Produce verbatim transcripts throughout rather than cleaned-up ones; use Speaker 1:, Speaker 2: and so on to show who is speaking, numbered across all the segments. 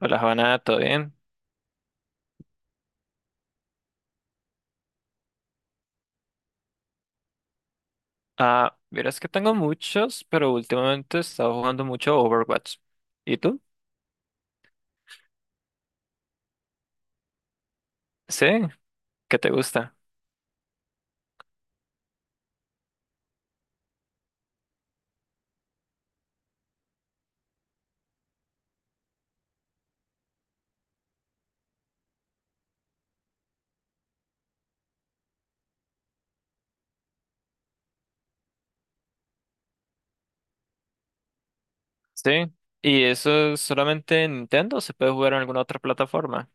Speaker 1: Hola, Habana, ¿todo bien? Ah, verás que tengo muchos, pero últimamente he estado jugando mucho Overwatch. ¿Y tú? Sí, ¿qué te gusta? Sí. ¿Y eso es solamente en Nintendo o se puede jugar en alguna otra plataforma?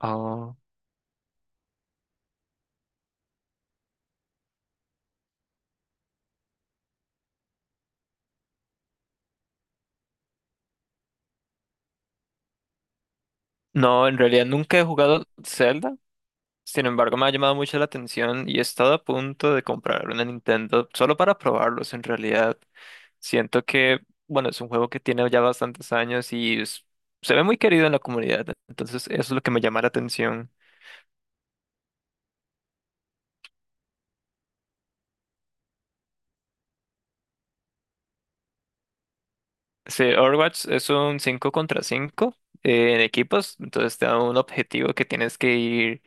Speaker 1: Oh. No, en realidad nunca he jugado Zelda. Sin embargo, me ha llamado mucho la atención y he estado a punto de comprar una Nintendo solo para probarlos en realidad. Siento que, bueno, es un juego que tiene ya bastantes años y es- se ve muy querido en la comunidad. Entonces, eso es lo que me llama la atención. Sí, Overwatch es un cinco contra cinco, eh, en equipos, entonces te da un objetivo que tienes que ir.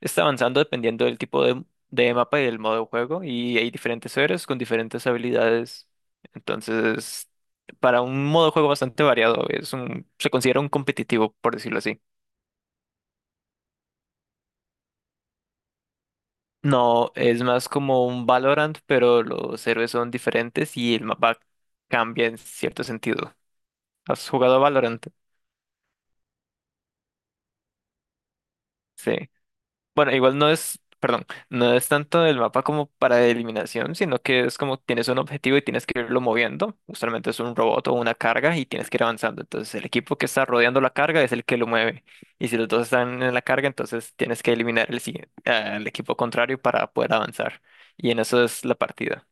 Speaker 1: Está avanzando dependiendo del tipo de, de mapa y del modo de juego, y hay diferentes héroes con diferentes habilidades. Entonces, para un modo de juego bastante variado, es un, se considera un competitivo, por decirlo así. No, es más como un Valorant, pero los héroes son diferentes y el mapa cambia en cierto sentido. ¿Has jugado a Valorant? Sí. Bueno, igual no es, perdón, no es tanto el mapa como para eliminación, sino que es como tienes un objetivo y tienes que irlo moviendo. Usualmente es un robot o una carga y tienes que ir avanzando. Entonces el equipo que está rodeando la carga es el que lo mueve. Y si los dos están en la carga, entonces tienes que eliminar el, sigui- al equipo contrario para poder avanzar. Y en eso es la partida.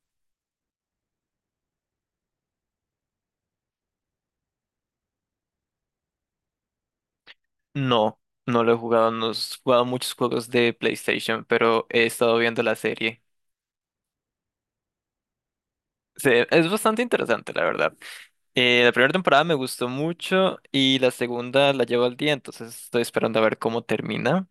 Speaker 1: No, no lo he jugado, no he jugado muchos juegos de PlayStation, pero he estado viendo la serie. Se- es bastante interesante, la verdad. Eh, la primera temporada me gustó mucho y la segunda la llevo al día, entonces estoy esperando a ver cómo termina.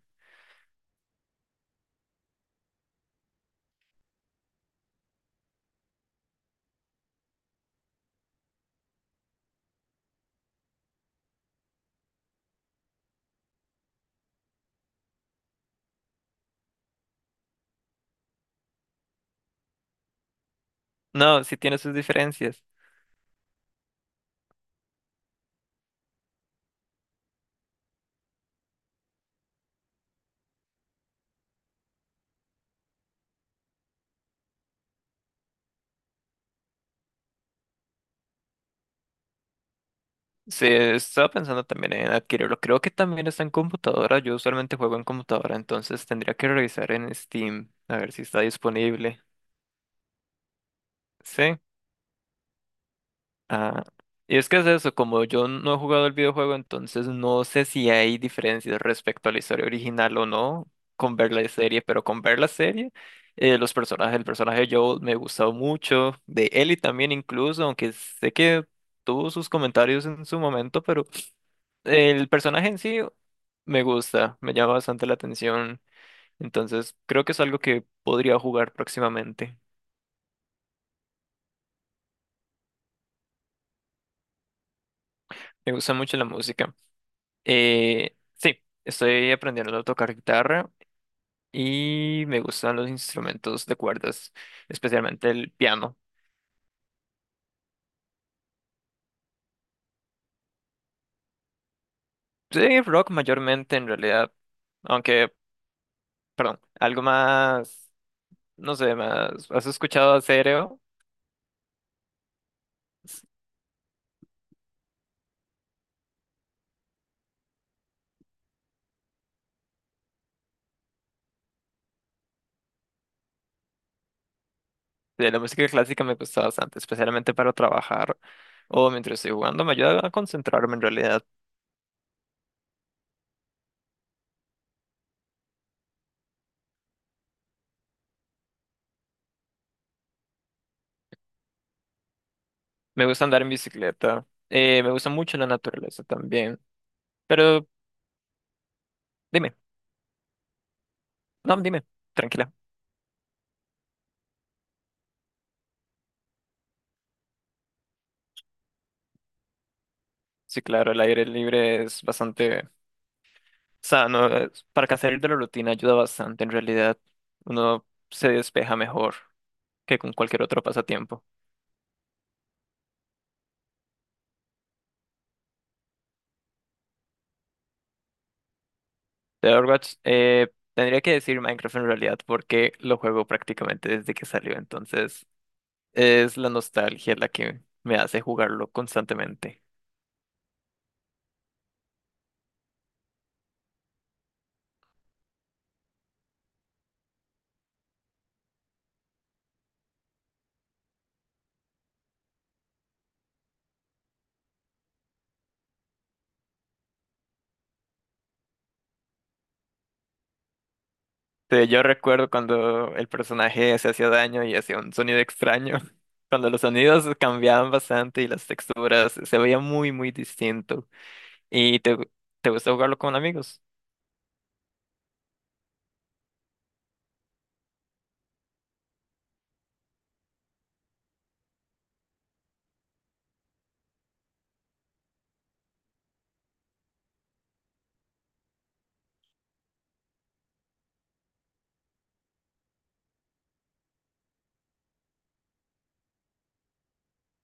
Speaker 1: No, sí tiene sus diferencias. Sí, estaba pensando también en adquirirlo. Creo que también está en computadora. Yo usualmente juego en computadora, entonces tendría que revisar en Steam a ver si está disponible. Sí. Ah, y es que es eso, como yo no he jugado el videojuego, entonces no sé si hay diferencias respecto a la historia original o no con ver la serie, pero con ver la serie, eh, los personajes, el personaje de Joel me gustó mucho, de Ellie también incluso, aunque sé que tuvo sus comentarios en su momento, pero el personaje en sí me gusta, me llama bastante la atención, entonces creo que es algo que podría jugar próximamente. Me gusta mucho la música. Eh, sí, estoy aprendiendo a tocar guitarra y me gustan los instrumentos de cuerdas, especialmente el piano. Sí, rock mayormente en realidad, aunque, perdón, algo más, no sé, más, ¿has escuchado a…? De la música clásica me gusta bastante, especialmente para trabajar o mientras estoy jugando, me ayuda a concentrarme en realidad. Me gusta andar en bicicleta, eh, me gusta mucho la naturaleza también, pero dime, no, dime, tranquila. Sí, claro, el aire libre es bastante sano. es- Para que salir de la rutina ayuda bastante, en realidad. Uno se despeja mejor que con cualquier otro pasatiempo. De Overwatch, eh, tendría que decir Minecraft en realidad, porque lo juego prácticamente desde que salió. Entonces, es la nostalgia la que me hace jugarlo constantemente. Sí, yo recuerdo cuando el personaje se hacía daño y hacía un sonido extraño. Cuando los sonidos cambiaban bastante y las texturas se veía muy, muy distinto. ¿Y te, te gusta jugarlo con amigos?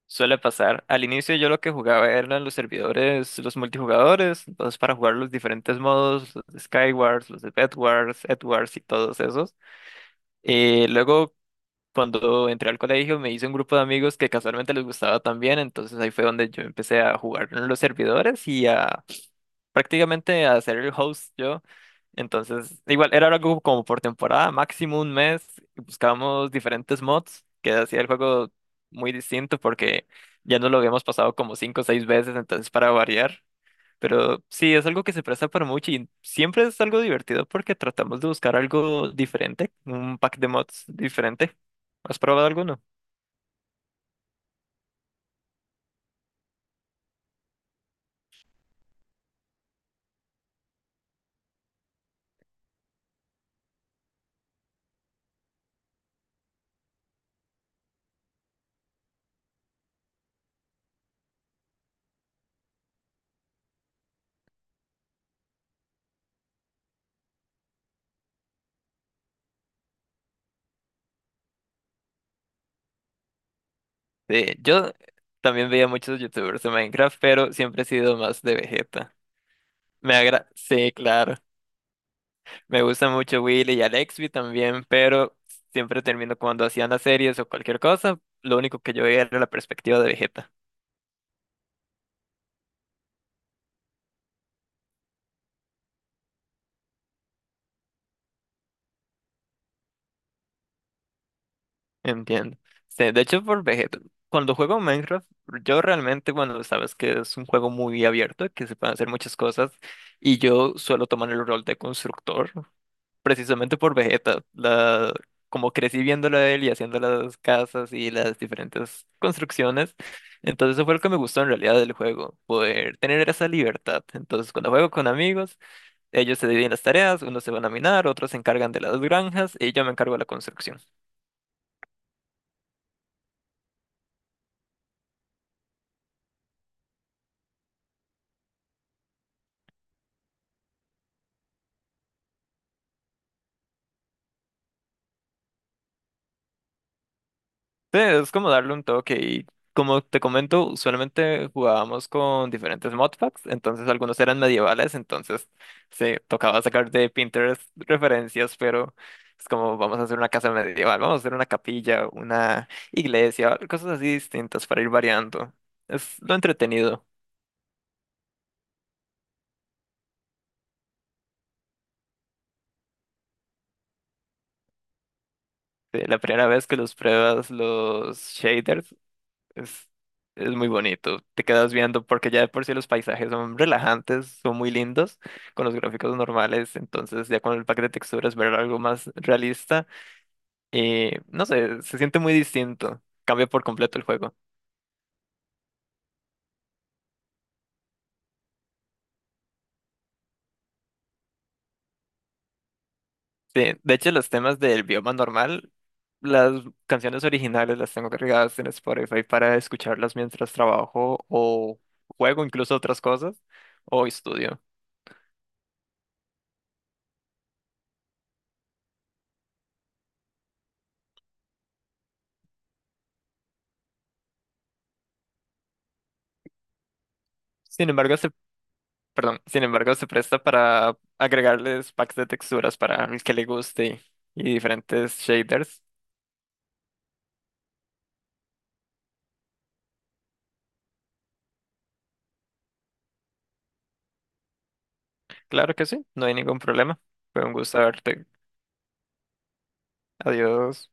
Speaker 1: Suele pasar. Al inicio yo lo que jugaba eran los servidores, los multijugadores, entonces para jugar los diferentes modos, los de Skywars, los de Bedwars, Edwards y todos esos. Eh, luego cuando entré al colegio me hice un grupo de amigos que casualmente les gustaba también, entonces ahí fue donde yo empecé a jugar en los servidores y a prácticamente a ser el host yo. Entonces, igual, era algo como por temporada, máximo un mes, y buscábamos diferentes mods que hacía el juego muy distinto porque ya nos lo habíamos pasado como cinco o seis veces, entonces para variar. Pero sí, es algo que se presta para mucho y siempre es algo divertido porque tratamos de buscar algo diferente, un pack de mods diferente. ¿Has probado alguno? Sí, yo también veía muchos youtubers de Minecraft, pero siempre he sido más de Vegeta. Me agrada. Sí, claro. Me gusta mucho Willy y Alexby también, pero siempre termino cuando hacían las series o cualquier cosa, lo único que yo veía era la perspectiva de Vegeta. Entiendo. Sí, de hecho, por Vegeta, cuando juego Minecraft, yo realmente, bueno, sabes que es un juego muy abierto, que se pueden hacer muchas cosas, y yo suelo tomar el rol de constructor. Precisamente por Vegeta, la, como crecí viéndolo a él y haciendo las casas y las diferentes construcciones, entonces eso fue lo que me gustó en realidad del juego, poder tener esa libertad. Entonces cuando juego con amigos, ellos se dividen las tareas, unos se van a minar, otros se encargan de las granjas y yo me encargo de la construcción. Sí, es como darle un toque y como te comento, usualmente jugábamos con diferentes modpacks, entonces algunos eran medievales, entonces se tocaba sacar de Pinterest referencias, pero es como vamos a hacer una casa medieval, vamos a hacer una capilla, una iglesia, cosas así distintas para ir variando. Es lo entretenido. Sí, la primera vez que los pruebas los shaders Es, es muy bonito. Te quedas viendo porque ya de por sí los paisajes son relajantes, son muy lindos con los gráficos normales. Entonces ya con el pack de texturas ver algo más realista, eh, no sé, se siente muy distinto. Cambia por completo el juego. De, de hecho, los temas del bioma normal, las canciones originales las tengo cargadas en Spotify para escucharlas mientras trabajo o juego incluso otras cosas o estudio. Sin embargo, se, perdón, sin embargo, se presta para agregarles packs de texturas para el que le guste y diferentes shaders. Claro que sí, no hay ningún problema. Fue un gusto verte. Adiós.